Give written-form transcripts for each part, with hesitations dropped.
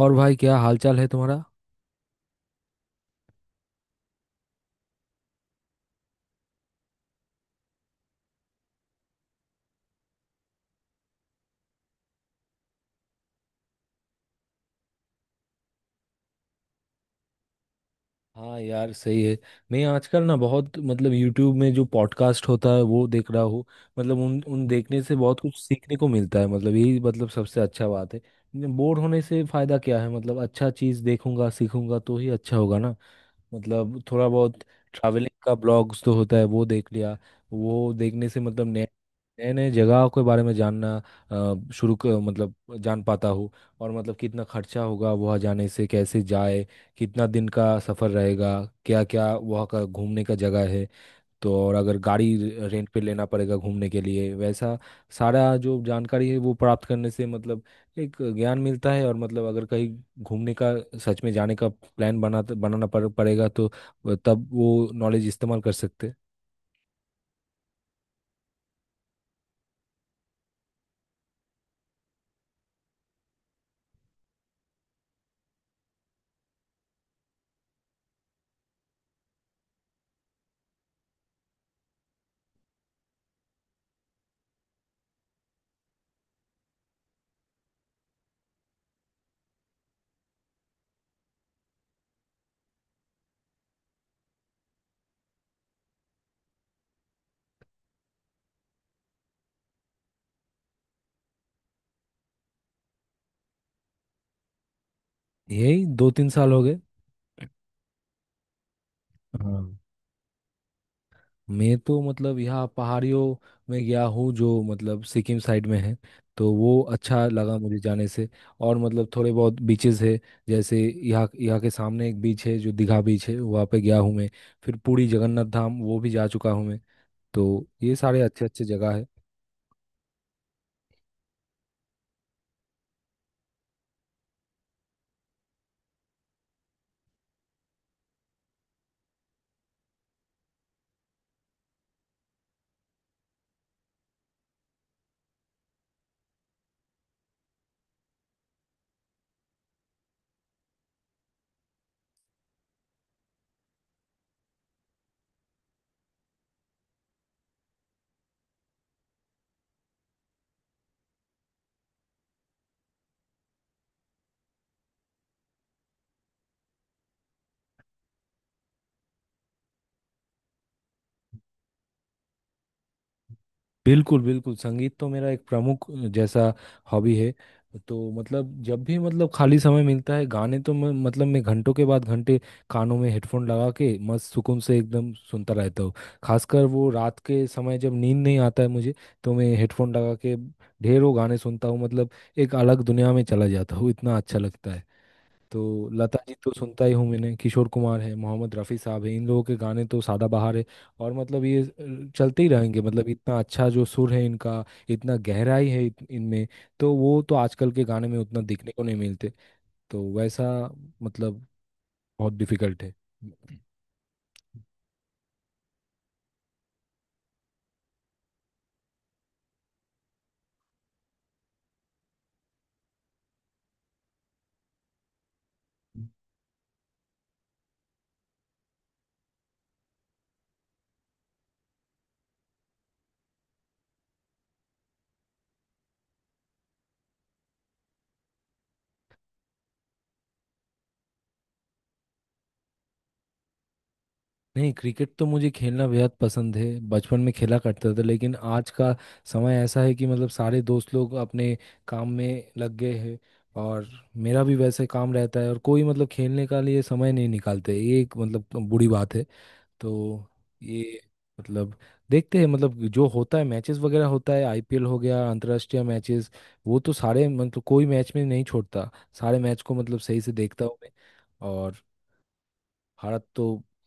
और भाई क्या हालचाल है तुम्हारा? हाँ यार सही है। मैं आजकल ना बहुत मतलब YouTube में जो पॉडकास्ट होता है वो देख रहा हूँ। मतलब उन उन देखने से बहुत कुछ सीखने को मिलता है, मतलब यही मतलब सबसे अच्छा बात है। बोर होने से फायदा क्या है? मतलब अच्छा चीज़ देखूंगा सीखूंगा तो ही अच्छा होगा ना। मतलब थोड़ा बहुत ट्रैवलिंग का ब्लॉग्स तो होता है वो देख लिया। वो देखने से मतलब नए नए नए जगह के बारे में जानना, मतलब जान पाता हूँ। और मतलब कितना खर्चा होगा वहाँ जाने से, कैसे जाए, कितना दिन का सफ़र रहेगा, क्या क्या वहाँ का घूमने का जगह है। तो और अगर गाड़ी रेंट पे लेना पड़ेगा घूमने के लिए, वैसा सारा जो जानकारी है वो प्राप्त करने से मतलब एक ज्ञान मिलता है, और मतलब अगर कहीं घूमने का सच में जाने का प्लान बनाना पड़ेगा तो तब वो नॉलेज इस्तेमाल कर सकते हैं। यही 2-3 साल हो गए। हाँ, मैं तो मतलब यहाँ पहाड़ियों में गया हूँ जो मतलब सिक्किम साइड में है, तो वो अच्छा लगा मुझे जाने से। और मतलब थोड़े बहुत बीचेस है, जैसे यहाँ यहाँ के सामने एक बीच है जो दीघा बीच है, वहाँ पे गया हूँ मैं। फिर पुरी जगन्नाथ धाम वो भी जा चुका हूँ मैं। तो ये सारे अच्छे अच्छे जगह है। बिल्कुल बिल्कुल, संगीत तो मेरा एक प्रमुख जैसा हॉबी है। तो मतलब जब भी मतलब खाली समय मिलता है गाने, तो मैं घंटों के बाद घंटे कानों में हेडफोन लगा के मस्त सुकून से एकदम सुनता रहता हूँ। खासकर वो रात के समय जब नींद नहीं आता है मुझे, तो मैं हेडफोन लगा के ढेरों गाने सुनता हूँ। मतलब एक अलग दुनिया में चला जाता हूँ, इतना अच्छा लगता है। तो लता जी तो सुनता ही हूँ, मैंने किशोर कुमार है, मोहम्मद रफ़ी साहब है, इन लोगों के गाने तो सदाबहार है। और मतलब ये चलते ही रहेंगे, मतलब इतना अच्छा जो सुर है इनका, इतना गहराई है इनमें। तो वो तो आजकल के गाने में उतना दिखने को नहीं मिलते। तो वैसा मतलब बहुत डिफिकल्ट है। नहीं, क्रिकेट तो मुझे खेलना बेहद पसंद है, बचपन में खेला करता था, लेकिन आज का समय ऐसा है कि मतलब सारे दोस्त लोग अपने काम में लग गए हैं। और मेरा भी वैसे काम रहता है, और कोई मतलब खेलने का लिए समय नहीं निकालते, ये एक मतलब बुरी बात है। तो ये मतलब देखते हैं, मतलब जो होता है मैचेस वगैरह होता है, आईपीएल हो गया, अंतर्राष्ट्रीय मैचेस वो तो सारे, मतलब कोई मैच में नहीं छोड़ता, सारे मैच को मतलब सही से देखता हूँ मैं। और भारत तो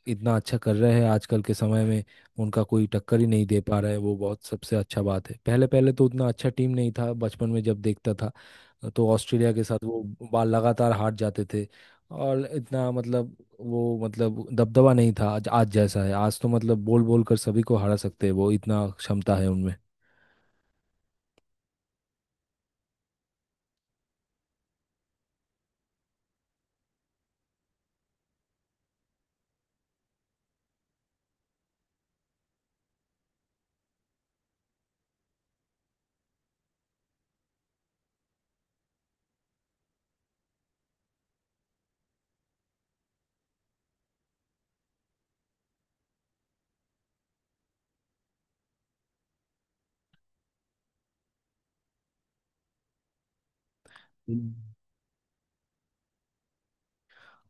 इतना अच्छा कर रहे हैं आजकल के समय में, उनका कोई टक्कर ही नहीं दे पा रहा है, वो बहुत सबसे अच्छा बात है। पहले पहले तो उतना अच्छा टीम नहीं था, बचपन में जब देखता था तो ऑस्ट्रेलिया के साथ वो बाल लगातार हार जाते थे। और इतना मतलब वो मतलब दबदबा नहीं था, आज आज जैसा है, आज तो मतलब बोल बोल कर सभी को हरा सकते हैं, वो इतना क्षमता है उनमें।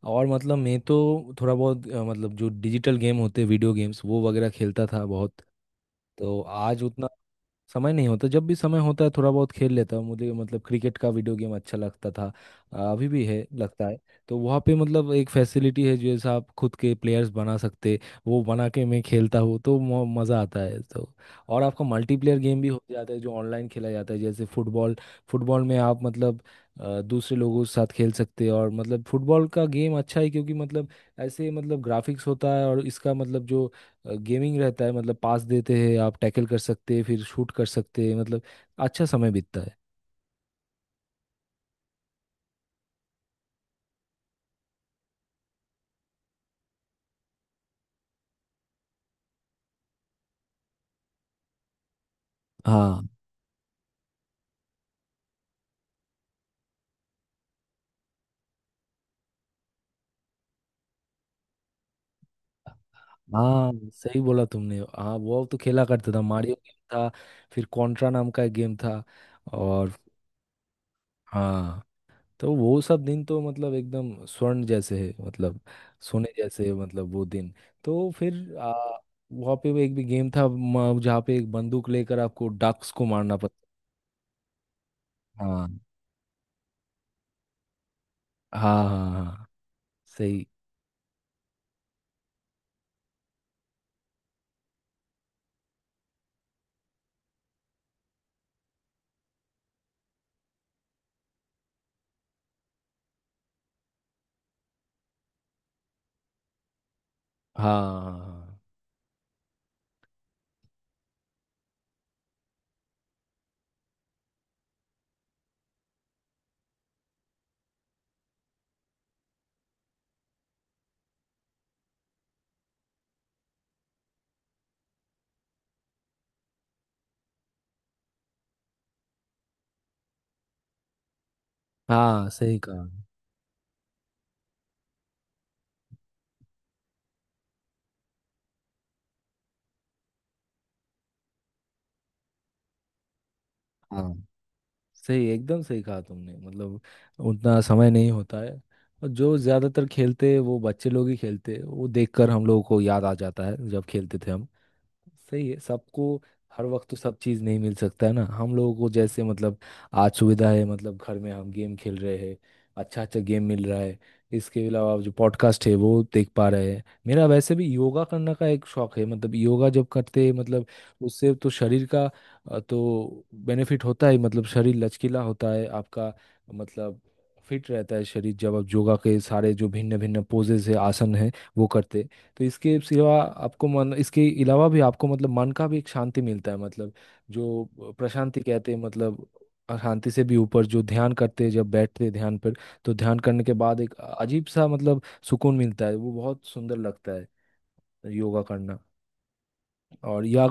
और मतलब मैं तो थोड़ा बहुत मतलब जो डिजिटल गेम होते हैं वीडियो गेम्स वो वगैरह खेलता था बहुत। तो आज उतना समय नहीं होता, जब भी समय होता है थोड़ा बहुत खेल लेता हूँ, मुझे मतलब क्रिकेट का वीडियो गेम अच्छा लगता था। अभी भी है लगता है। तो वहाँ पे मतलब एक फैसिलिटी है जैसे आप खुद के प्लेयर्स बना सकते, वो बना के मैं खेलता हूँ तो मज़ा आता है तो। और आपका मल्टीप्लेयर गेम भी हो जाता है जो ऑनलाइन खेला जाता है जैसे फुटबॉल। फुटबॉल में आप मतलब दूसरे लोगों के साथ खेल सकते हैं, और मतलब फुटबॉल का गेम अच्छा है क्योंकि मतलब ऐसे मतलब ग्राफिक्स होता है, और इसका मतलब जो गेमिंग रहता है मतलब पास देते हैं, आप टैकल कर सकते हैं, फिर शूट कर सकते हैं, मतलब अच्छा समय बीतता है। हाँ हाँ, सही बोला तुमने, हाँ वो तो खेला करता था, मारियो गेम था, फिर कॉन्ट्रा नाम का एक गेम था। और हाँ, तो वो सब दिन तो मतलब एकदम स्वर्ण जैसे है, मतलब सोने जैसे है, मतलब वो दिन। तो फिर वहाँ पे वो एक भी गेम था जहाँ पे एक बंदूक लेकर आपको डक्स को मारना पड़ता। हाँ हाँ हाँ। हाँ सही। हाँ हाँ हाँ हाँ, सही कहा। हाँ सही एकदम सही कहा तुमने, मतलब उतना समय नहीं होता है। और जो ज़्यादातर खेलते हैं वो बच्चे लोग ही खेलते हैं, वो देखकर हम लोगों को याद आ जाता है जब खेलते थे हम। सही है सबको। हर वक्त तो सब चीज़ नहीं मिल सकता है ना हम लोगों को, जैसे मतलब आज सुविधा है, मतलब घर में हम गेम खेल रहे हैं, अच्छा अच्छा गेम मिल रहा है। इसके अलावा जो पॉडकास्ट है वो देख पा रहे हैं। मेरा वैसे भी योगा करने का एक शौक है, मतलब योगा जब करते हैं, मतलब उससे तो शरीर का तो बेनिफिट होता है, मतलब शरीर लचकीला होता है आपका, मतलब फिट रहता है शरीर, जब आप योगा के सारे जो भिन्न भिन्न पोजेज है आसन है वो करते। तो इसके सिवा आपको मन, इसके अलावा भी आपको मतलब मन का भी एक शांति मिलता है, मतलब जो प्रशांति कहते हैं, मतलब शांति से भी ऊपर जो ध्यान करते हैं जब बैठते हैं ध्यान पर। तो ध्यान करने के बाद एक अजीब सा मतलब सुकून मिलता है, वो बहुत सुंदर लगता है योगा करना। और या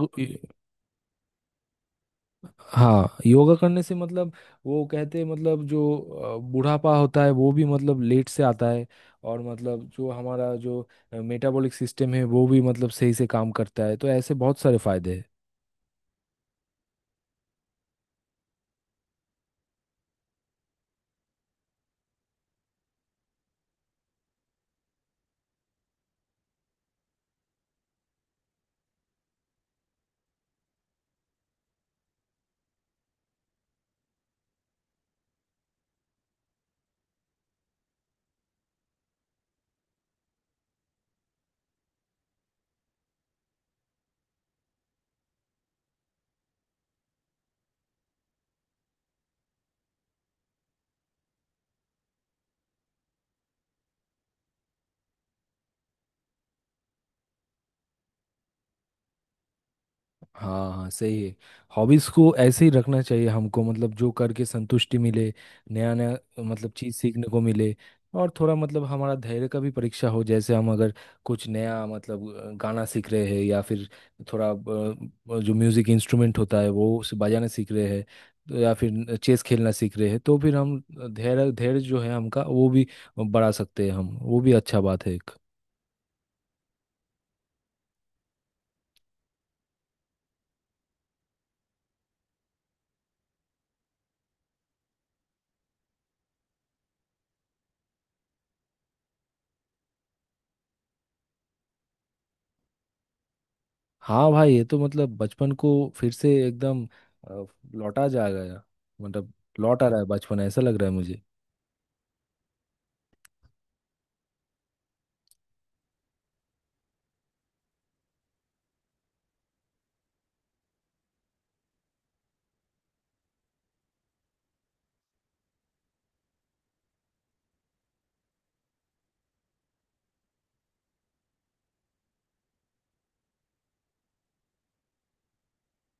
हाँ, योगा करने से मतलब वो कहते हैं मतलब जो बुढ़ापा होता है वो भी मतलब लेट से आता है, और मतलब जो हमारा जो मेटाबॉलिक सिस्टम है वो भी मतलब सही से काम करता है, तो ऐसे बहुत सारे फायदे हैं। हाँ हाँ सही है। हॉबीज को ऐसे ही रखना चाहिए हमको, मतलब जो करके संतुष्टि मिले, नया नया मतलब चीज सीखने को मिले। और थोड़ा मतलब हमारा धैर्य का भी परीक्षा हो, जैसे हम अगर कुछ नया मतलब गाना सीख रहे हैं, या फिर थोड़ा जो म्यूजिक इंस्ट्रूमेंट होता है वो उसे बजाना सीख रहे हैं, तो या फिर चेस खेलना सीख रहे हैं, तो फिर हम धैर्य धैर्य जो है हमका वो भी बढ़ा सकते हैं हम, वो भी अच्छा बात है एक। हाँ भाई ये तो मतलब बचपन को फिर से एकदम अ, लौटा जा गया, मतलब लौट आ रहा है बचपन ऐसा लग रहा है मुझे।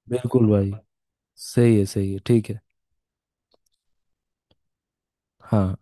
बिल्कुल भाई, सही है ठीक है। हाँ।